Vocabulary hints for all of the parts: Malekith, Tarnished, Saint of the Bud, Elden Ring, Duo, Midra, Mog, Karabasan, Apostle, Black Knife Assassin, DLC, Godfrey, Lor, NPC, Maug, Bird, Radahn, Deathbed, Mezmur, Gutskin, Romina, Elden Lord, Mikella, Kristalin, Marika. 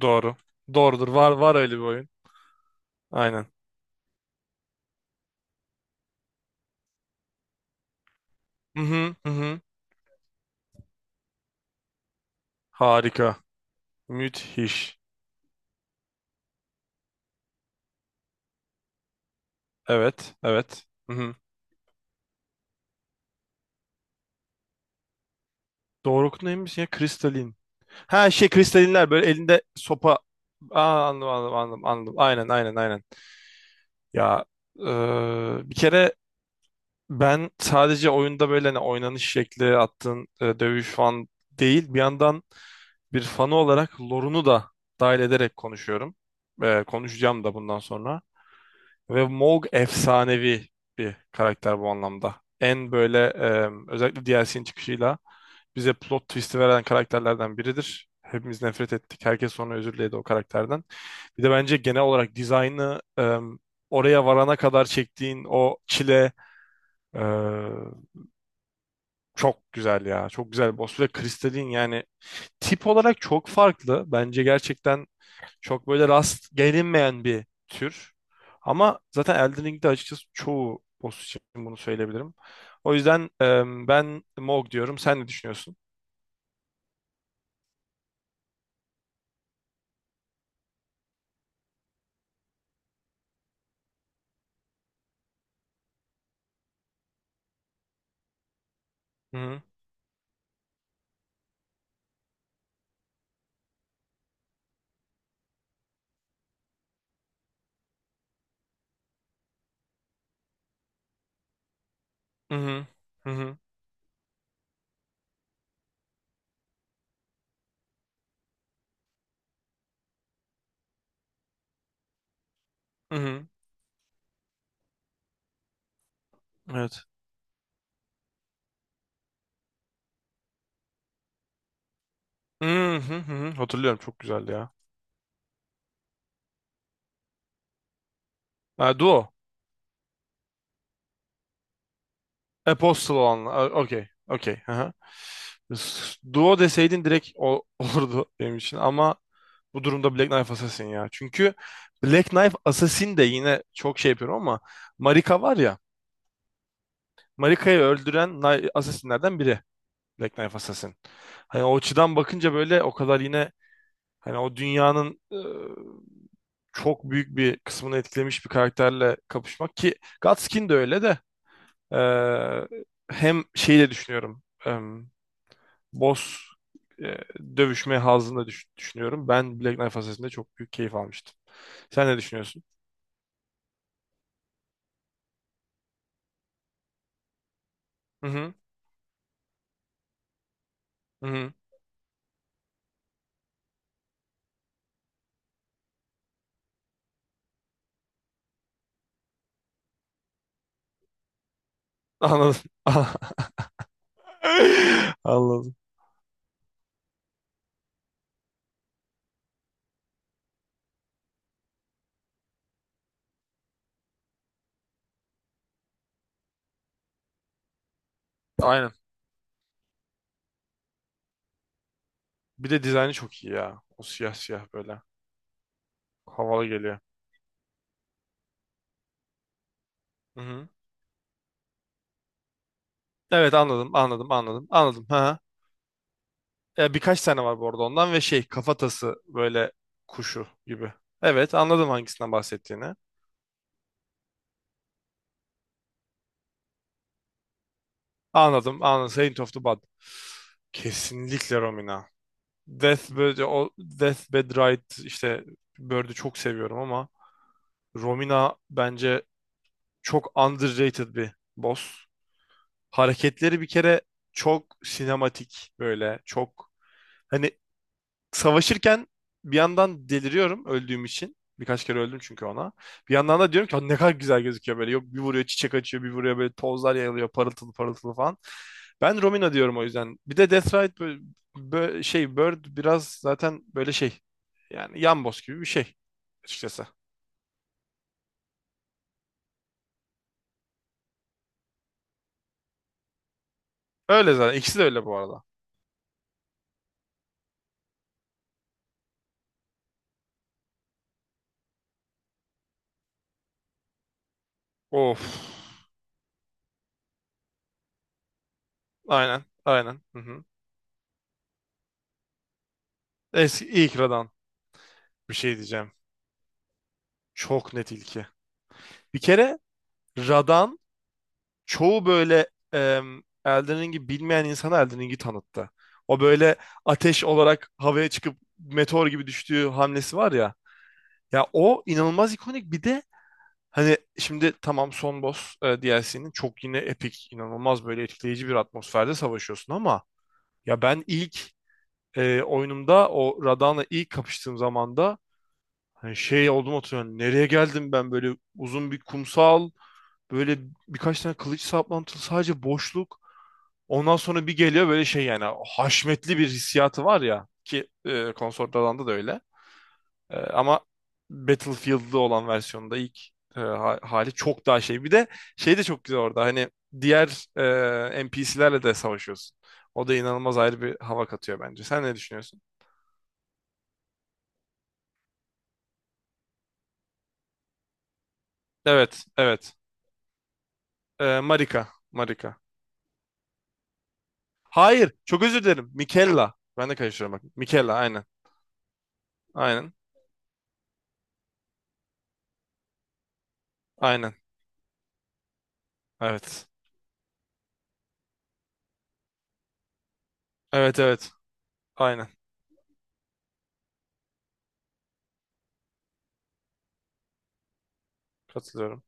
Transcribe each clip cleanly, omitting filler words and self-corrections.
Doğru. Doğrudur. Var öyle bir oyun. Aynen. Hı hı hı hı. Harika. Müthiş. Evet, evet. Hı hı. Doğru neymiş ya? Kristalin. Ha şey kristalinler böyle elinde sopa. Aa, anladım. Aynen. Ya bir kere ben sadece oyunda böyle hani oynanış şekli attığın dövüş falan değil. Bir yandan bir fanı olarak lorunu da dahil ederek konuşuyorum. Konuşacağım da bundan sonra. Ve Maug efsanevi bir karakter bu anlamda. En böyle özellikle DLC'nin çıkışıyla bize plot twist'i veren karakterlerden biridir. Hepimiz nefret ettik. Herkes sonra özür diledi o karakterden. Bir de bence genel olarak dizaynı oraya varana kadar çektiğin o çile e, çok güzel ya. Çok güzel. Boss ve Kristalin yani tip olarak çok farklı. Bence gerçekten çok böyle rast gelinmeyen bir tür. Ama zaten Elden Ring'de açıkçası çoğu boss için bunu söyleyebilirim. O yüzden ben Mog diyorum. Sen ne düşünüyorsun? Hı hı. Hı hı. Hı hı. Hı hı. Evet. Hı hı hı. Hı. Hatırlıyorum. Çok güzeldi ya. Ha, Duo. Apostle olanla. Ha, Okey. Okey. Hı hı. Duo deseydin direkt o, olurdu benim için ama bu durumda Black Knife Assassin ya. Çünkü Black Knife Assassin de yine çok şey yapıyorum ama Marika var ya Marika'yı öldüren Assassin'lerden biri. Black Knife Assassin. Hani o açıdan bakınca böyle o kadar yine hani o dünyanın çok büyük bir kısmını etkilemiş bir karakterle kapışmak ki Gutskin de öyle de e, hem şeyi de düşünüyorum boss e, dövüşme hazını da düşünüyorum. Ben Black Knife Assassin'de çok büyük keyif almıştım. Sen ne düşünüyorsun? Hı hı. Hı hı. Anladım. Anladım. Aynen. Bir de dizaynı çok iyi ya. O siyah siyah böyle. Havalı geliyor. Hı-hı. Evet, anladım. Ha. E, birkaç tane var bu arada ondan ve şey kafatası böyle kuşu gibi. Evet, anladım hangisinden bahsettiğini. Anladım. Saint of the Bud. Kesinlikle Romina. Deathbed, o Deathbed Ride işte Bird'ü çok seviyorum ama Romina bence çok underrated bir boss. Hareketleri bir kere çok sinematik böyle çok. Hani savaşırken bir yandan deliriyorum öldüğüm için. Birkaç kere öldüm çünkü ona. Bir yandan da diyorum ki "Lan ne kadar güzel gözüküyor böyle. Yok bir vuruyor çiçek açıyor, bir vuruyor böyle tozlar yayılıyor parıltılı parıltılı falan." Ben Romina diyorum o yüzden. Bir de Death Ride şey Bird biraz zaten böyle şey. Yani yan yamboz gibi bir şey açıkçası. Öyle zaten. İkisi de öyle bu arada. Of. Aynen. Aynen. Hı hı. Eski ilk Radan bir şey diyeceğim. Çok net ilki. Bir kere Radan çoğu böyle Elden Ring'i bilmeyen insana Elden Ring'i tanıttı. O böyle ateş olarak havaya çıkıp meteor gibi düştüğü hamlesi var ya. Ya o inanılmaz ikonik. Bir de hani şimdi tamam son boss DLC'nin çok yine epik, inanılmaz böyle etkileyici bir atmosferde savaşıyorsun ama ya ben ilk oyunumda o Radahn'la ilk kapıştığım zamanda hani şey oldum oturuyorum. Nereye geldim ben böyle uzun bir kumsal, böyle birkaç tane kılıç saplantılı sadece boşluk. Ondan sonra bir geliyor böyle şey yani haşmetli bir hissiyatı var ya ki Consort Alan'da da öyle. E, ama Battlefield'lı olan versiyonda ilk hali çok daha şey. Bir de şey de çok güzel orada hani diğer NPC'lerle de savaşıyorsun. O da inanılmaz ayrı bir hava katıyor bence. Sen ne düşünüyorsun? Evet, evet. E, Marika. Hayır, çok özür dilerim. Mikella. Ben de karıştırıyorum bak. Mikella, aynen. Aynen, aynen. Evet. Evet, evet. Aynen. Katılıyorum.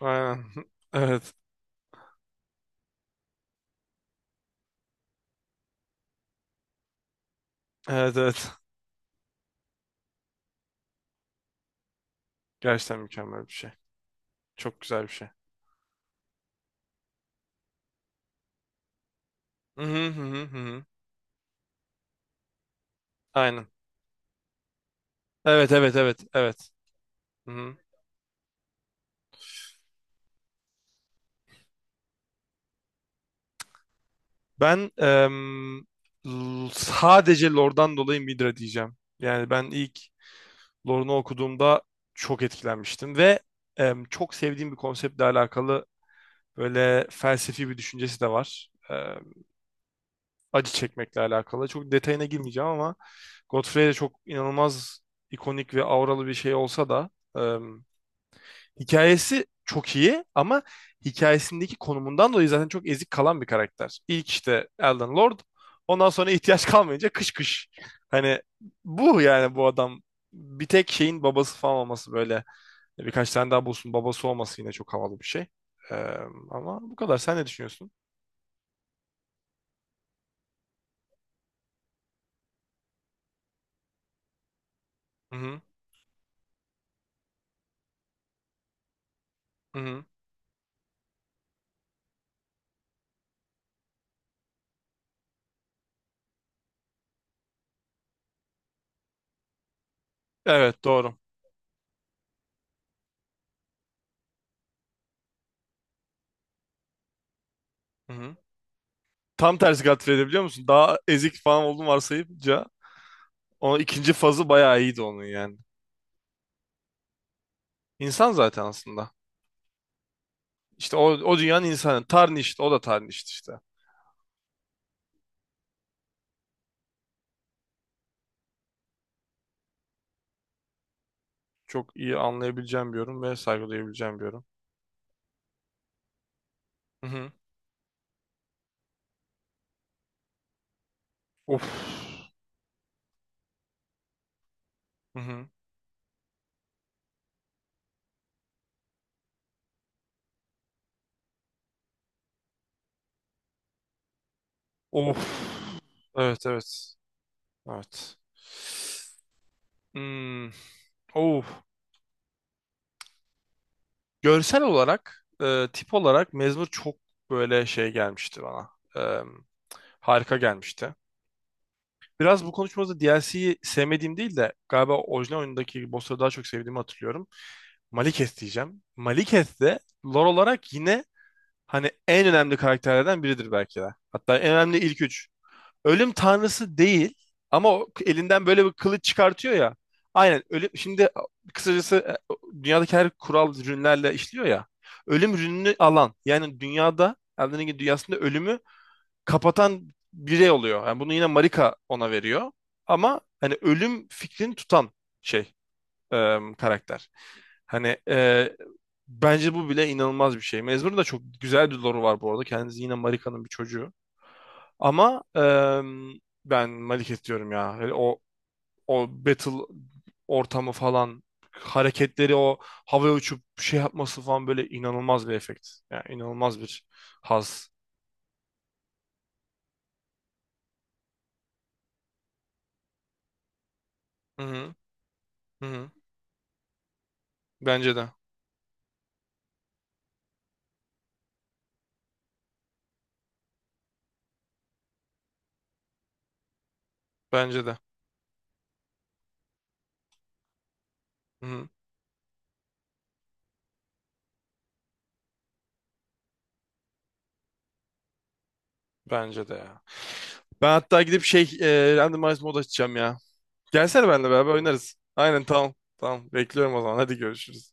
Aynen. Evet. Evet, evet. Gerçekten mükemmel bir şey. Çok güzel bir şey. Hı hı hı hı. Hı hı. Aynen. Evet, evet. Hı hı. Ben sadece Lor'dan dolayı Midra diyeceğim. Yani ben ilk Lor'unu okuduğumda çok etkilenmiştim ve çok sevdiğim bir konseptle alakalı böyle felsefi bir düşüncesi de var. Acı çekmekle alakalı. Çok detayına girmeyeceğim ama Godfrey de çok inanılmaz ikonik ve auralı bir şey olsa da hikayesi çok iyi ama hikayesindeki konumundan dolayı zaten çok ezik kalan bir karakter. İlk işte Elden Lord. Ondan sonra ihtiyaç kalmayınca kış kış. Hani bu adam bir tek şeyin babası falan olması böyle birkaç tane daha bulsun babası olması yine çok havalı bir şey. Ee, Ama bu kadar. Sen ne düşünüyorsun? Hı hı. Hı hı. Evet, doğru. Hı hı. Tam tersi Godfrey'de biliyor musun? Daha ezik falan olduğunu varsayınca o ikinci fazı bayağı iyiydi onun yani. İnsan zaten aslında. İşte o, o dünyanın insanı. Tarnished. O da tarnished işte. Çok iyi anlayabileceğim bir yorum ve saygı duyabileceğim bir yorum. Hı hı. Of. Hı hı. Of. Evet, evet. Evet. Hmm. Of. Görsel olarak, tip olarak Mezmur çok böyle şey gelmişti bana. E, Harika gelmişti. Biraz bu konuşmamızda DLC'yi sevmediğim değil de galiba orijinal oyundaki bossları daha çok sevdiğimi hatırlıyorum. Malekith diyeceğim. Malekith de lore olarak yine hani en önemli karakterlerden biridir belki de. Hatta en önemli ilk üç. Ölüm tanrısı değil ama o elinden böyle bir kılıç çıkartıyor ya. Aynen ölüm. Şimdi kısacası dünyadaki her kural rünlerle işliyor ya. Ölüm rününü alan yani dünyada Elden Ring dünyasında ölümü kapatan birey oluyor. Yani bunu yine Marika ona veriyor. Ama hani ölüm fikrini tutan şey karakter. Hani bence bu bile inanılmaz bir şey. Mezmur'un da çok güzel bir lore'u var bu arada. Kendisi yine Marika'nın bir çocuğu. Ama ben Maliket diyorum ya. Hani o battle ortamı falan hareketleri o havaya uçup şey yapması falan böyle inanılmaz bir efekt. Yani inanılmaz bir haz. Hı hı, hı hı. Bence de. Bence de. Hı, bence de ya. Ben hatta gidip şey randomize mod açacağım ya. Gelsene benimle beraber oynarız. Aynen, tamam. Tamam, bekliyorum o zaman. Hadi görüşürüz.